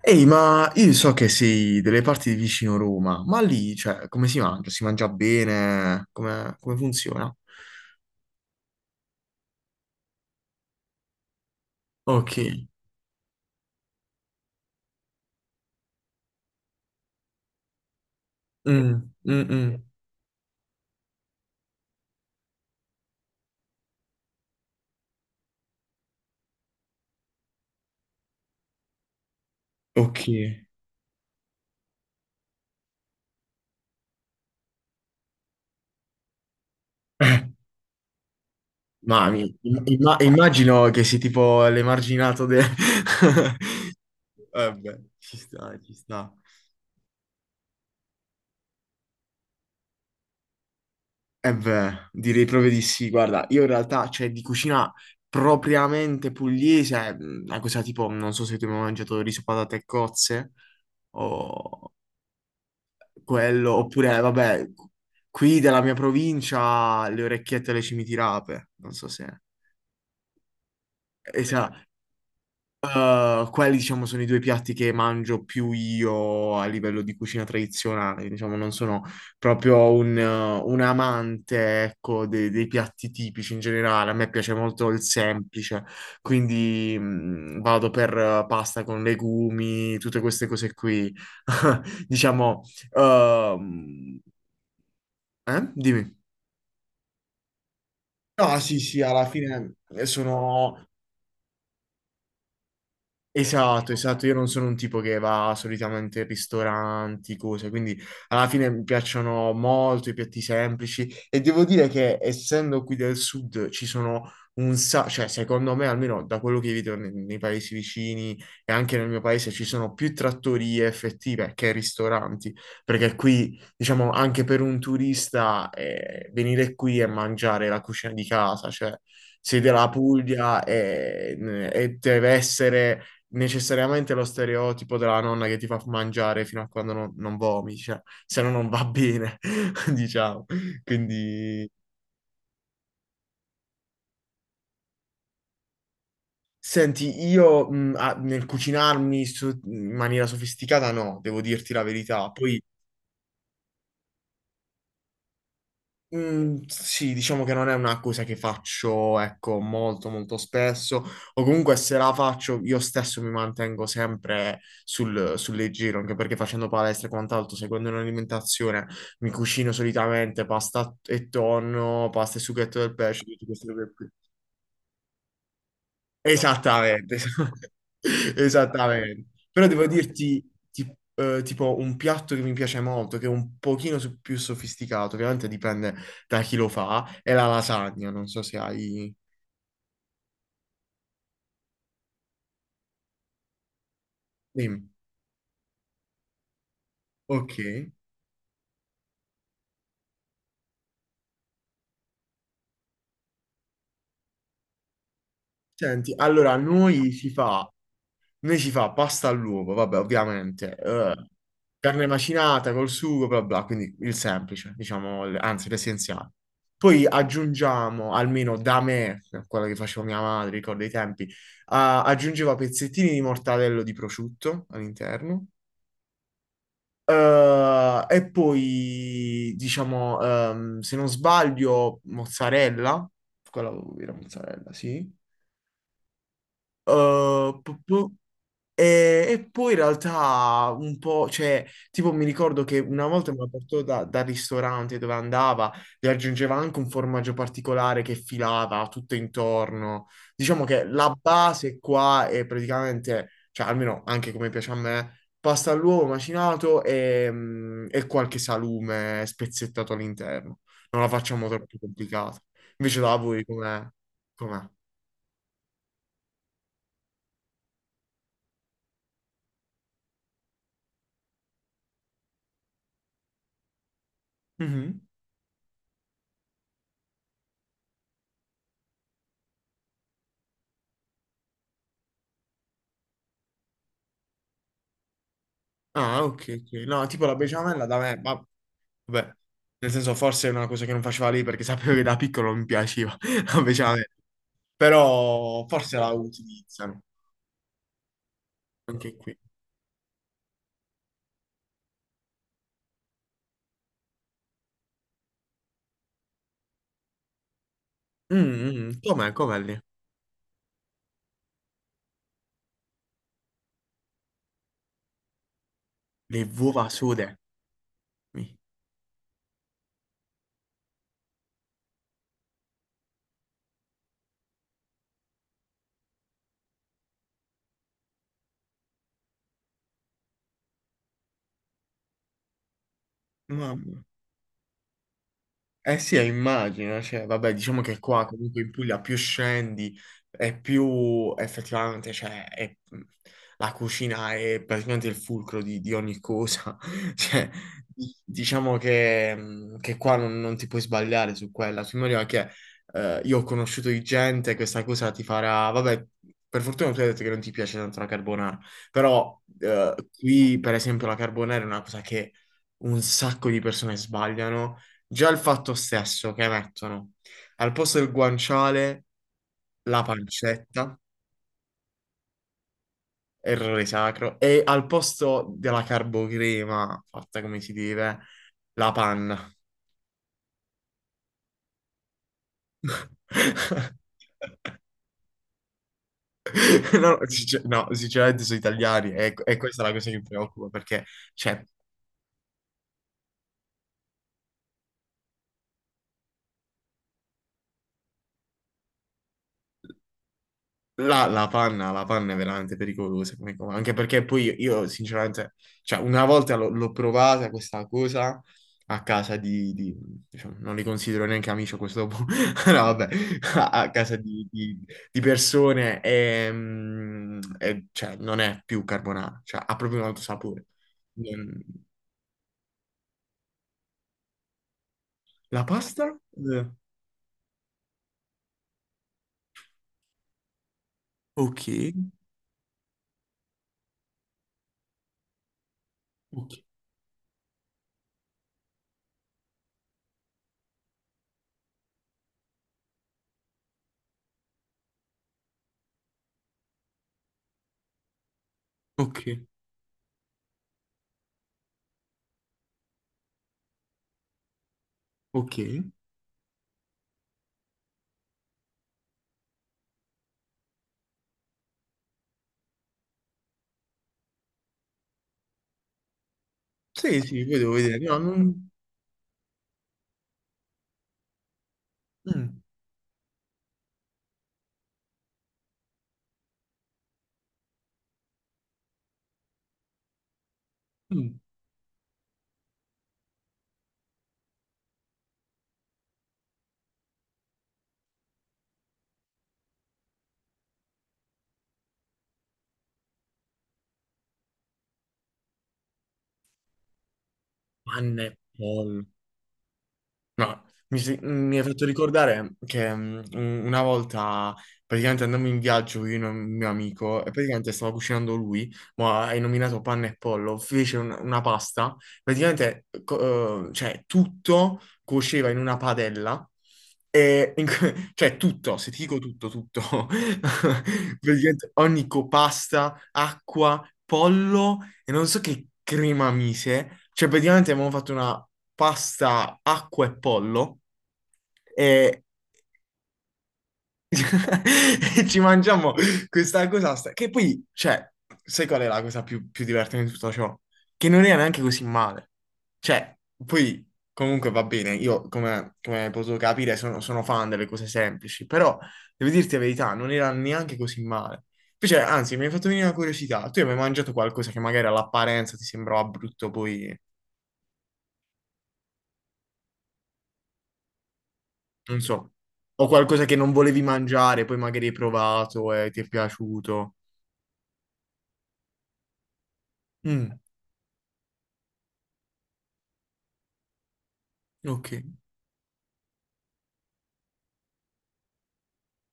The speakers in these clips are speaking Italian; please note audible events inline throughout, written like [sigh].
Ehi, ma io so che sei delle parti di vicino Roma, ma lì, cioè, come si mangia? Si mangia bene? Come, come funziona? Ok. Mm, mm, mm. Ok. [laughs] Eh, Mamma mia, immagino che sei tipo l'emarginato del... [laughs] Vabbè, ci sta, ci sta. Eh beh, direi proprio di sì. Guarda, io in realtà, cioè, di cucina propriamente pugliese, è una cosa tipo, non so se tu hai mai mangiato riso, patate e cozze, o... quello, oppure, vabbè, qui della mia provincia le orecchiette alle cimitirape, non so se... E sa, quelli, diciamo, sono i due piatti che mangio più io a livello di cucina tradizionale, diciamo, non sono proprio un amante, ecco, dei piatti tipici in generale, a me piace molto il semplice, quindi vado per pasta con legumi, tutte queste cose qui, [laughs] diciamo... ehm, eh? Dimmi. No, sì, sì, alla fine sono, esatto, esatto, io non sono un tipo che va solitamente in ristoranti, cose, quindi alla fine mi piacciono molto i piatti semplici e devo dire che essendo qui del sud ci sono un sacco, cioè secondo me almeno da quello che vedo nei, paesi vicini e anche nel mio paese ci sono più trattorie effettive che ristoranti, perché qui diciamo anche per un turista venire qui e mangiare la cucina di casa, cioè sei della Puglia e deve essere necessariamente lo stereotipo della nonna che ti fa mangiare fino a quando non, non vomiti, cioè, se no non va bene, [laughs] diciamo. Quindi, senti, io nel cucinarmi in maniera sofisticata no, devo dirti la verità. Poi mm, sì, diciamo che non è una cosa che faccio, ecco, molto molto spesso, o comunque se la faccio io stesso mi mantengo sempre sul, sul leggero, anche perché facendo palestra e quant'altro, seguendo un'alimentazione, mi cucino solitamente pasta e tonno, pasta e sughetto del pesce, tutte queste cose qui. Esattamente, [laughs] esattamente. Però devo dirti, tipo, un piatto che mi piace molto, che è un pochino più sofisticato, che ovviamente dipende da chi lo fa, è la lasagna. Non so se hai... Dimmi. Ok. Senti, allora, a noi si fa noi si fa pasta all'uovo, vabbè, ovviamente, carne macinata col sugo, bla bla, quindi il semplice, diciamo, anzi l'essenziale. Poi aggiungiamo, almeno da me, quella che faceva mia madre, ricordo i tempi, ah, aggiungeva pezzettini di mortadello di prosciutto all'interno. E poi, diciamo, se non sbaglio, mozzarella, quella era mozzarella, sì. Eh, pu- pu- e poi in realtà un po', cioè, tipo mi ricordo che una volta me la portò dal ristorante dove andava, gli aggiungeva anche un formaggio particolare che filava tutto intorno. Diciamo che la base qua è praticamente, cioè almeno anche come piace a me, pasta all'uovo macinato e, e qualche salume spezzettato all'interno. Non la facciamo troppo complicata. Invece da voi com'è? Com'è? Mhm. Ah, ok, ok. No, tipo la besciamella da me, ma vabbè, nel senso forse è una cosa che non faceva lì perché [laughs] sapevo che da piccolo non mi piaceva, [laughs] invece a me. Però forse la utilizzano anche qui. Mm, mm, com'è, com'è lì? Le uova sude. Mi- Mamma. Eh sì, immagino, cioè, vabbè, diciamo che qua comunque in Puglia più scendi e più effettivamente, cioè, è- la cucina è praticamente il fulcro di ogni cosa, [laughs] cioè, diciamo che qua non, non ti puoi sbagliare su quella, su maniera che io ho conosciuto di gente, questa cosa ti farà, vabbè, per fortuna tu hai detto che non ti piace tanto la carbonara, però qui per esempio la carbonara è una cosa che un sacco di persone sbagliano. Già il fatto stesso che mettono al posto del guanciale la pancetta, errore sacro, e al posto della carbocrema, fatta come si deve, la panna. [laughs] No, no, sinceramente sono italiani e questa è la cosa che mi preoccupa perché, cioè, la, la panna è veramente pericolosa, come cosa, anche perché poi io sinceramente, cioè una volta l'ho provata questa cosa a casa diciamo, non li considero neanche amici a questo punto, [laughs] no vabbè, a, a casa di persone e, e, cioè, non è più carbonara, cioè ha proprio un altro sapore. Non- La pasta? Eh, Ok, ok, ok, ok. Sì, sì, poi devo vedere, no, non... mm, mm. Panna e pollo. No, mi, mi hai fatto ricordare che una volta praticamente andammo in viaggio io e un mio amico e praticamente stava cucinando lui, ma hai nominato panna e pollo, fece una pasta, praticamente cioè, tutto cuoceva in una padella e in que- [laughs] cioè tutto, se ti dico tutto, tutto, [laughs] praticamente ogni copasta, acqua, pollo e non so che crema mise, cioè praticamente abbiamo fatto una pasta, acqua e pollo. [laughs] E ci mangiamo questa cosa, stra- che poi, cioè, sai qual è la cosa più, più divertente di tutto ciò? Che non era neanche così male. Cioè, poi, comunque va bene, io, come, come hai potuto capire, sono, sono fan delle cose semplici, però, devo dirti la verità, non era neanche così male. Invece, anzi, mi hai fatto venire una curiosità. Tu hai mai mangiato qualcosa che magari all'apparenza ti sembrava brutto, poi, non so, o qualcosa che non volevi mangiare, poi magari hai provato e ti è piaciuto? Mm, ok.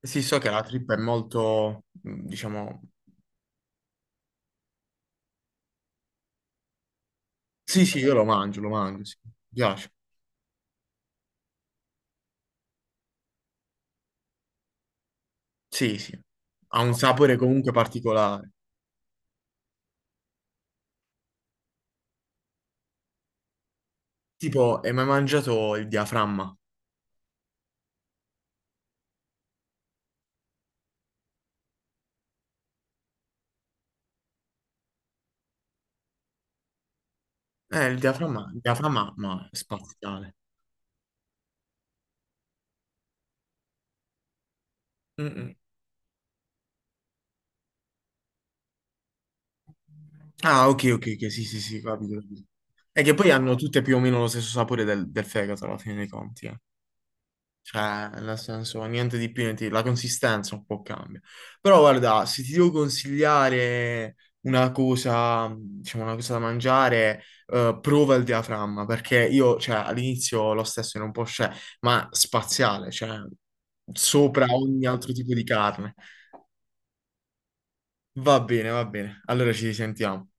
Sì, so che la trippa è molto, mm, diciamo... Sì, sì, io lo mangio, sì. Mi piace. Sì, sì. Ha un sapore comunque particolare. Tipo, hai mai mangiato il diaframma? Il diaframma, il diaframma, ma è spaziale. Mm-mm. Ah, ok, ok, ok, sì, sì, sì, capito. Capito. E che poi hanno tutte più o meno lo stesso sapore del, del fegato alla fine dei conti, eh. Cioè, nel senso, niente di più, niente di- la consistenza un po' cambia. Però guarda, se ti devo consigliare una cosa, diciamo, una cosa da mangiare, prova il diaframma, perché io, cioè, all'inizio lo stesso era un po' scettico, ma spaziale, cioè, sopra ogni altro tipo di carne. Va bene, va bene. Allora ci sentiamo.